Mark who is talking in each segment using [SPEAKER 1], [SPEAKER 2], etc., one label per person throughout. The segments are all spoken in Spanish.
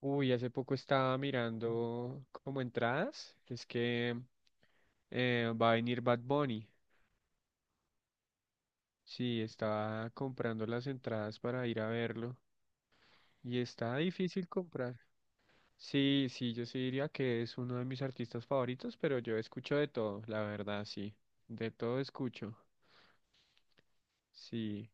[SPEAKER 1] Uy, hace poco estaba mirando como entradas, que es que va a venir Bad Bunny. Sí, estaba comprando las entradas para ir a verlo y está difícil comprar. Sí, sí, yo sí diría que es uno de mis artistas favoritos, pero yo escucho de todo, la verdad, sí. De todo escucho. Sí.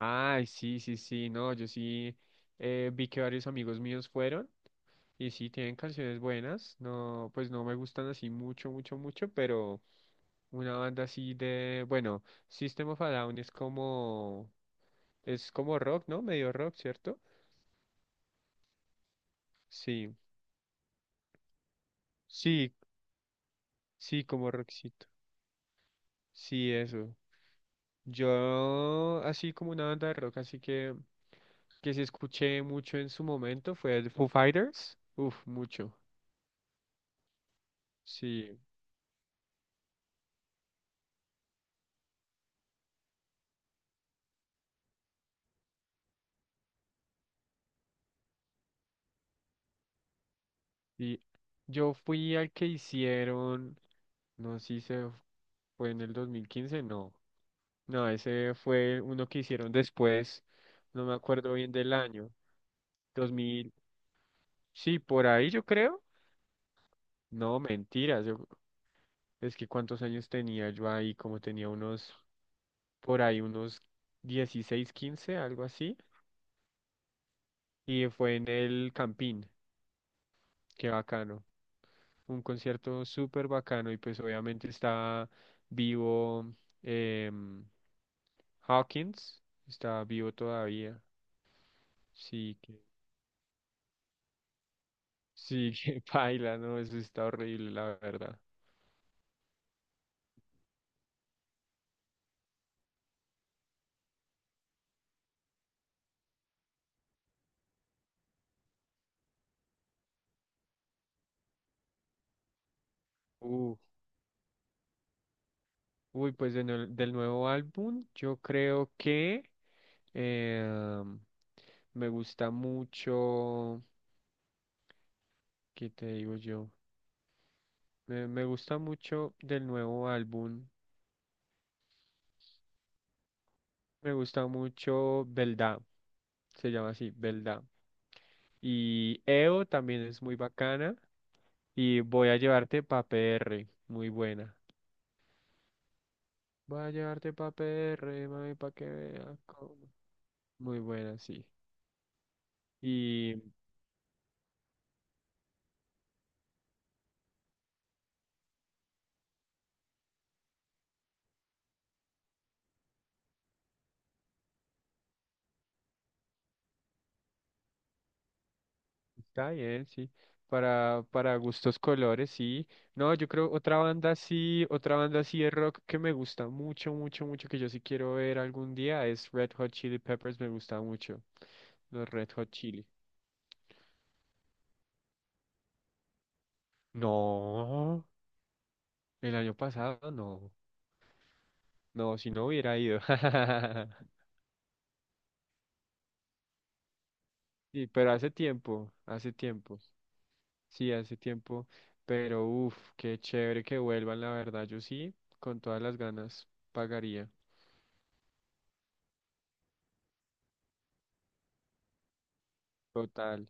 [SPEAKER 1] Ay, sí, sí, sí, no, yo sí vi que varios amigos míos fueron. Y sí, tienen canciones buenas, no, pues no me gustan así mucho, mucho, mucho, pero una banda así de, bueno, System of a Down es como rock, ¿no? Medio rock, ¿cierto? Sí, sí, sí, como rockcito. Sí, eso. Yo, así como una banda de rock, así que sí escuché mucho en su momento, fue el Foo Fighters. Uf, mucho. Sí. Y yo fui al que hicieron, no sé si se fue en el 2015, no. No, ese fue uno que hicieron después, no me acuerdo bien del año. Dos mil, sí, por ahí yo creo. No, mentiras, yo, es que cuántos años tenía yo ahí, como tenía unos, por ahí unos 16 15, algo así. Y fue en el Campín, qué bacano. Un concierto súper bacano y pues obviamente está vivo em, Hawkins, está vivo todavía. Sí, que, sí, que baila, ¿no? Eso está horrible, la verdad. Uh, uy, pues del nuevo álbum, yo creo que em, me gusta mucho, ¿qué te digo yo? Me gusta mucho del nuevo álbum, me gusta mucho Belda. Se llama así, Belda. Y EO también es muy bacana. Y voy a llevarte pa' PR muy buena. Voy a llevarte pa' PR, mami, pa' que veas cómo. Muy buena, sí. Y está bien, sí. Para gustos colores, sí. No, yo creo otra banda sí de rock que me gusta mucho, mucho, mucho, que yo sí quiero ver algún día es Red Hot Chili Peppers, me gusta mucho. Los Red Hot Chili. No, el año pasado no. No, si no hubiera ido. Sí, pero hace tiempo, hace tiempo. Sí, hace tiempo. Pero uff, qué chévere que vuelvan, la verdad. Yo sí, con todas las ganas, pagaría. Total.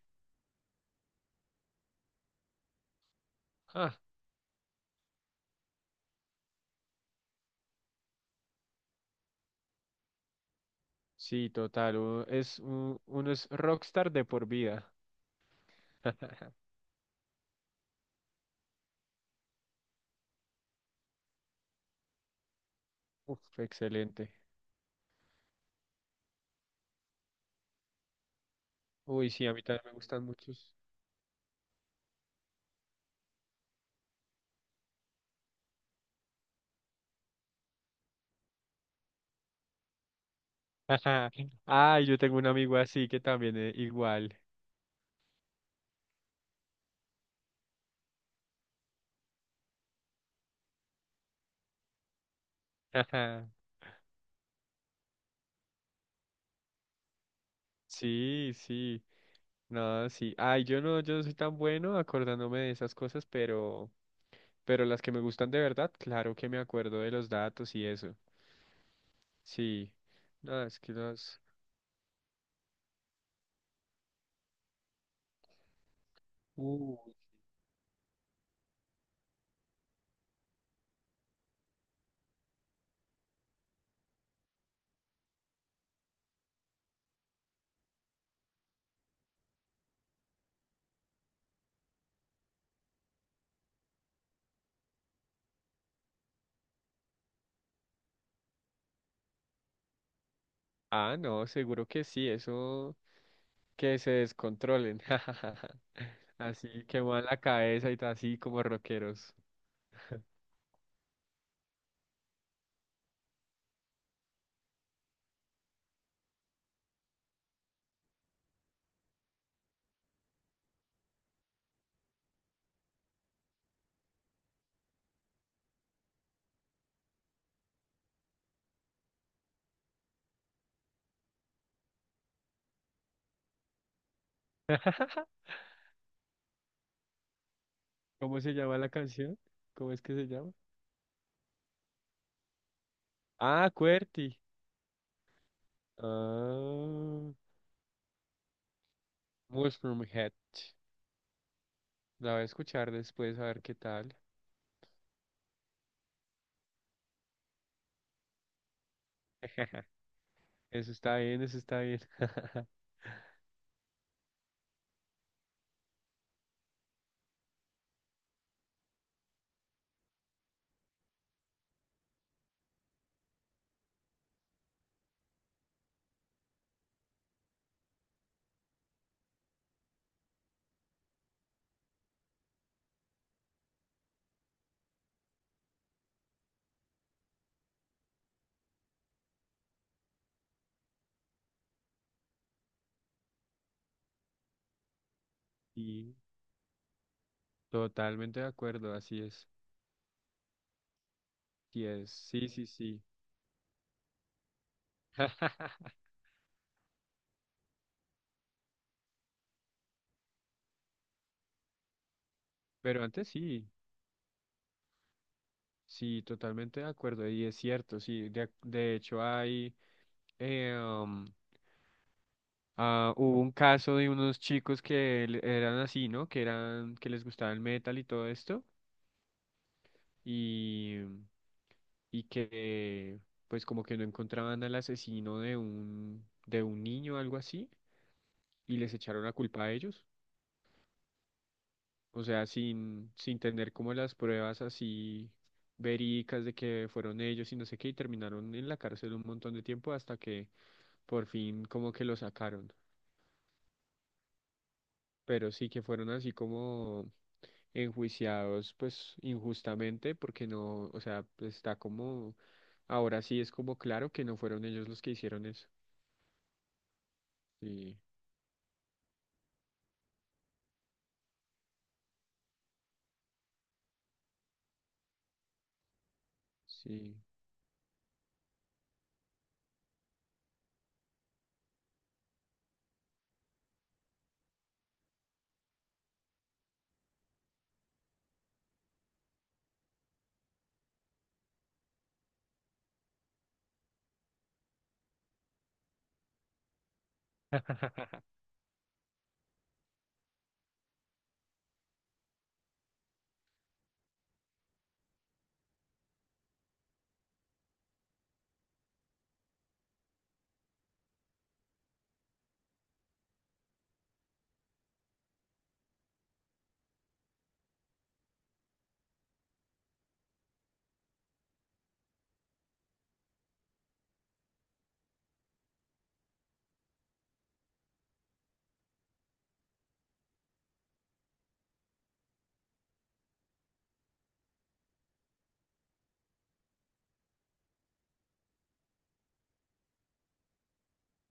[SPEAKER 1] Ah, sí, total. Uno es, uno es rockstar de por vida. Uf, excelente. Uy, sí, a mí también me gustan muchos. Ay, yo tengo un amigo así que también es igual. Sí, sí. No, sí. Ay, yo no, yo no soy tan bueno acordándome de esas cosas, pero las que me gustan de verdad, claro que me acuerdo de los datos y eso. Sí. No, es que los... Uy. Ah, no, seguro que sí, eso que se descontrolen. Así que van la cabeza y así como rockeros. ¿Cómo se llama la canción? ¿Cómo es que se llama? Ah, QWERTY. Ah, Mushroom Head. La voy a escuchar después a ver qué tal. Eso está bien, eso está bien. Y totalmente de acuerdo, así es. Sí es, sí, sí, sí. Pero antes sí, sí, totalmente de acuerdo. Y es cierto, sí. De hecho, hay, eh, um, hubo un caso de unos chicos eran así, ¿no? Que eran, que les gustaba el metal y todo esto. Y, y que, pues, como que no encontraban al asesino de un niño, algo así. Y les echaron la culpa a ellos. O sea, sin, sin tener como las pruebas así verídicas de que fueron ellos y no sé qué, y terminaron en la cárcel un montón de tiempo hasta que por fin como que lo sacaron. Pero sí que fueron así como enjuiciados pues injustamente porque no, o sea, pues, está como, ahora sí es como claro que no fueron ellos los que hicieron eso. Sí, sí.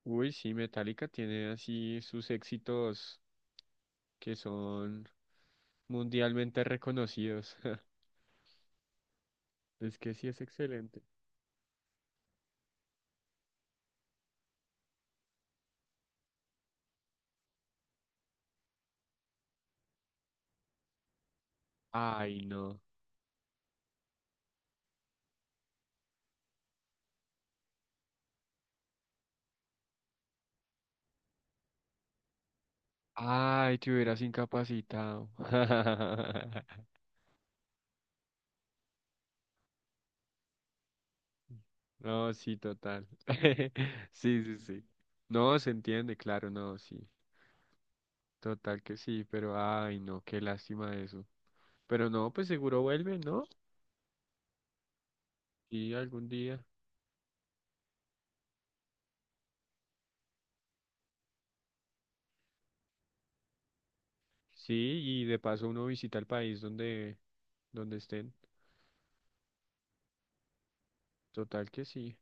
[SPEAKER 1] Uy, sí, Metallica tiene así sus éxitos que son mundialmente reconocidos. Es que sí es excelente. Ay, no. Ay, te hubieras incapacitado. No, sí, total. Sí, sí, sí. No, se entiende, claro, no, sí. Total que sí, pero ay, no, qué lástima eso. Pero no, pues seguro vuelve, ¿no? Sí, algún día. Sí, y de paso uno visita el país donde, donde estén. Total que sí.